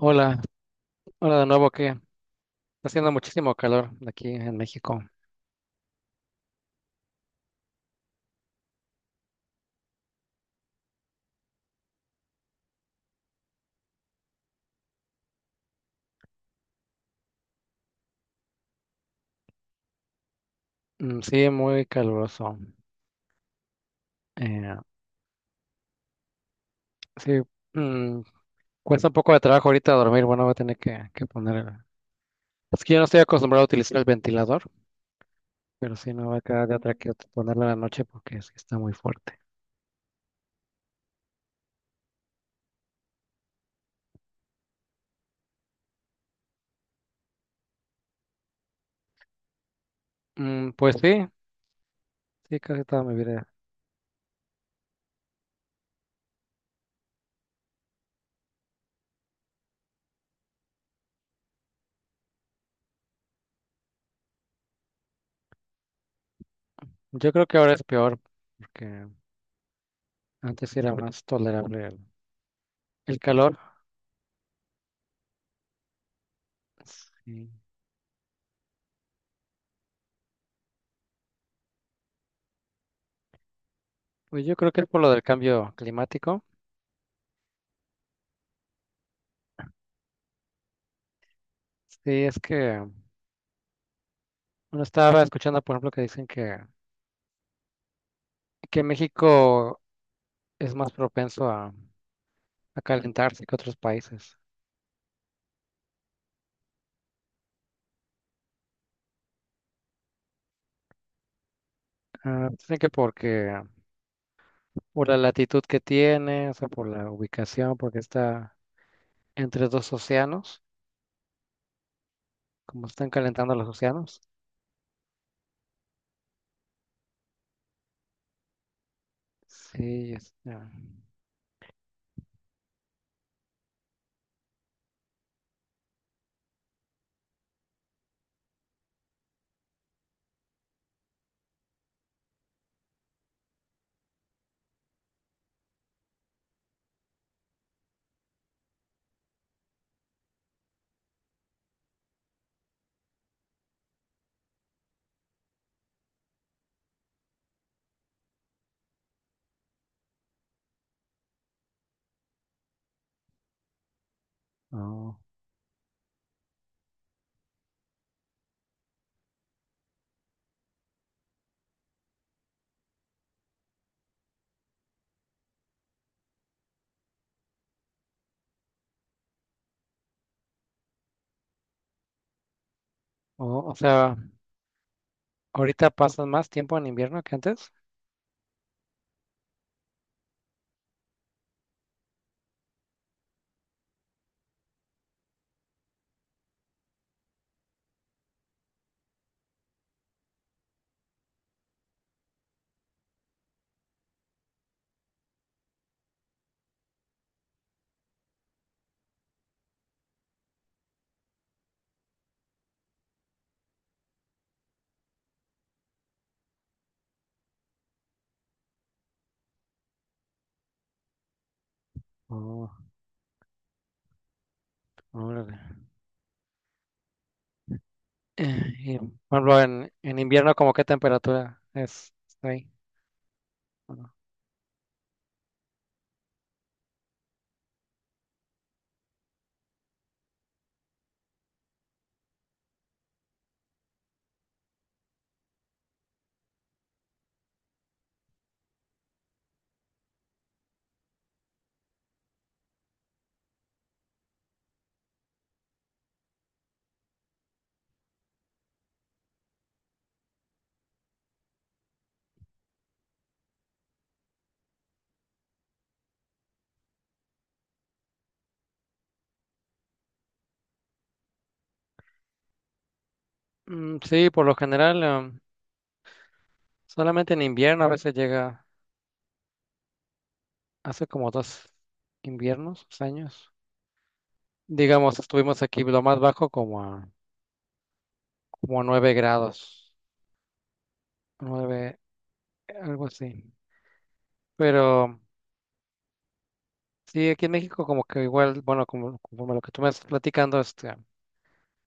Hola, hola de nuevo, que está haciendo muchísimo calor aquí en México. Mm, sí, muy caluroso. Eh, sí, mm, cuesta un poco de trabajo ahorita dormir. Bueno, voy a tener que poner. Es que yo no estoy acostumbrado a utilizar el ventilador, pero sí, no va a quedar de otra que ponerlo en la noche porque sí está muy fuerte. Mm, pues sí, sí, casi toda mi vida. Yo creo que ahora es peor porque antes sí era más tolerable el calor. Sí. Pues yo creo que es por lo del cambio climático. Sí, es que. Bueno, estaba escuchando, por ejemplo, que México es más propenso a calentarse que otros países. Ah, dicen por la latitud que tiene, o sea, por la ubicación, porque está entre dos océanos, como están calentando los océanos. Sí, es- ah, oh, oh, o sea, ahorita pasan más tiempo en invierno que antes. Oh, órale. Y, por ejemplo, en invierno, ¿como qué temperatura es? ¿Está ahí? Mm, sí, por lo general, solamente en invierno a veces llega, hace como dos inviernos, dos años. Digamos, estuvimos aquí lo más bajo como a 9 grados, nueve algo así. Pero sí, aquí en México como que igual, bueno, como lo que tú me estás platicando, este,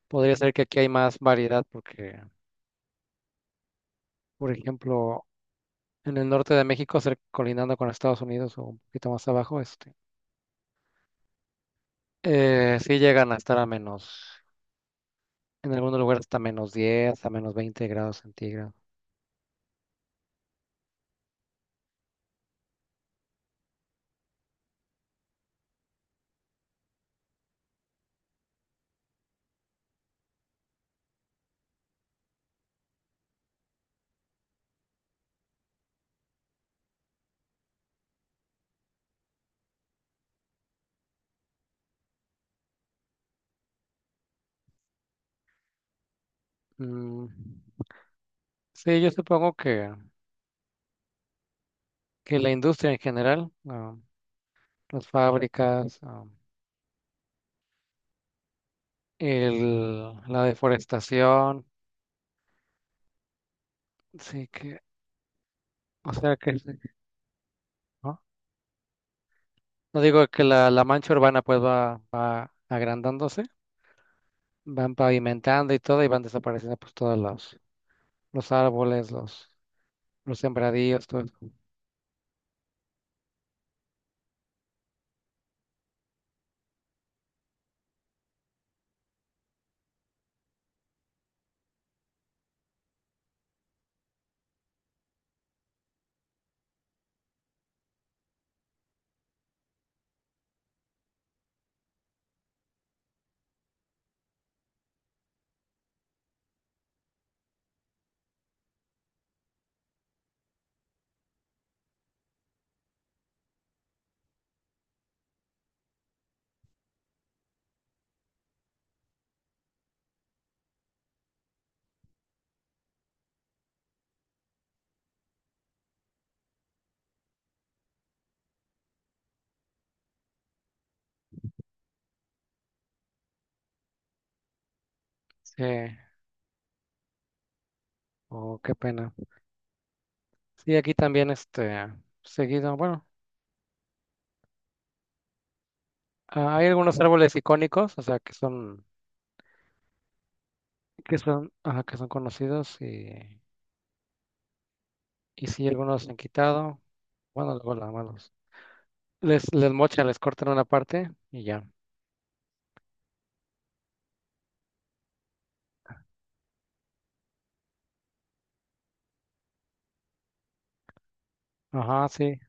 podría ser que aquí hay más variedad porque, por ejemplo, en el norte de México, cerca- colindando con Estados Unidos o un poquito más abajo, este, sí llegan a estar a menos. En algunos lugares hasta menos 10 a menos 20 grados centígrados. Mm, sí, yo supongo que la industria en general, las fábricas, la deforestación, sí que, o sea que, ¿no? No digo que la mancha urbana pues va, va agrandándose, van pavimentando y todo y van desapareciendo pues todos los árboles, los sembradíos, todo eso. Sí, oh, qué pena. Sí, aquí también este, seguido, bueno. Ah, hay algunos árboles icónicos, o sea, ajá, que son conocidos y sí, algunos se han quitado. Bueno, luego nada más les, les mochan, les cortan una parte y ya. Ajá, sí,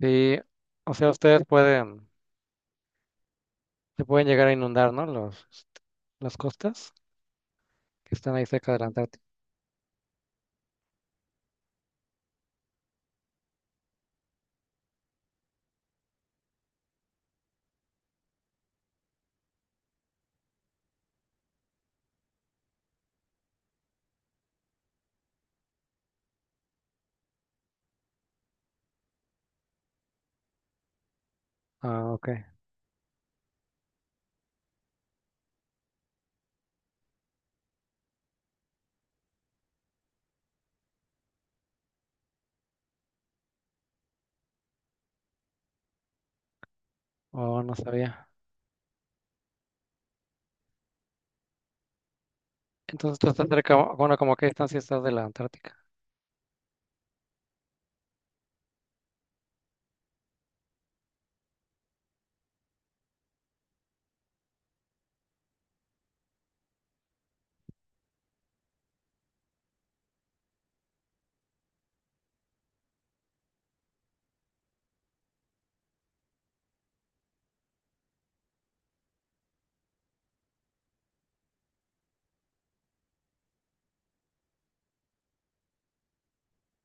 sí. O sea, ustedes pueden, se pueden llegar a inundar, ¿no? Los, este, las costas que están ahí cerca de la Antártica. Ah, ok. Oh, no sabía. Entonces tú estás cerca, bueno, como a qué distancia estás de la Antártica.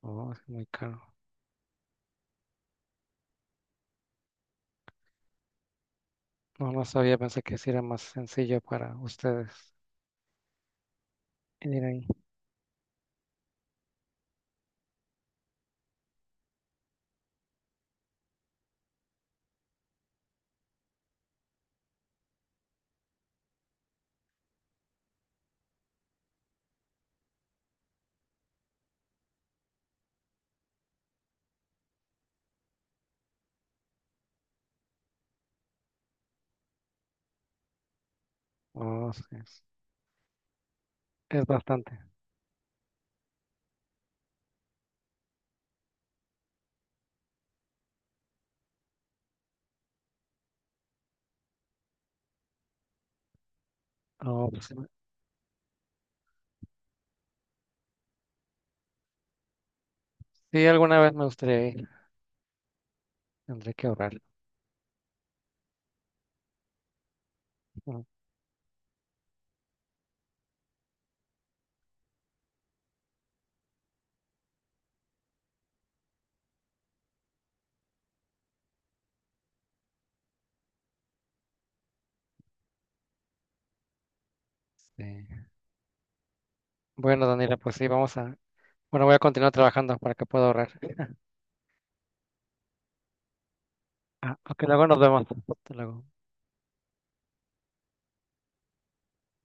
Oh, es muy caro. No, no sabía, pensé que sí era más sencillo para ustedes ir ahí. Oh, sí, es bastante. Oh, pues, sí, sí, alguna vez me gustaría ir. Tendré que ahorrar. ¿No? Sí. Bueno, Daniela, pues sí, vamos a... Bueno, voy a continuar trabajando para que pueda ahorrar. Ah, ok, luego nos vemos. Hasta luego.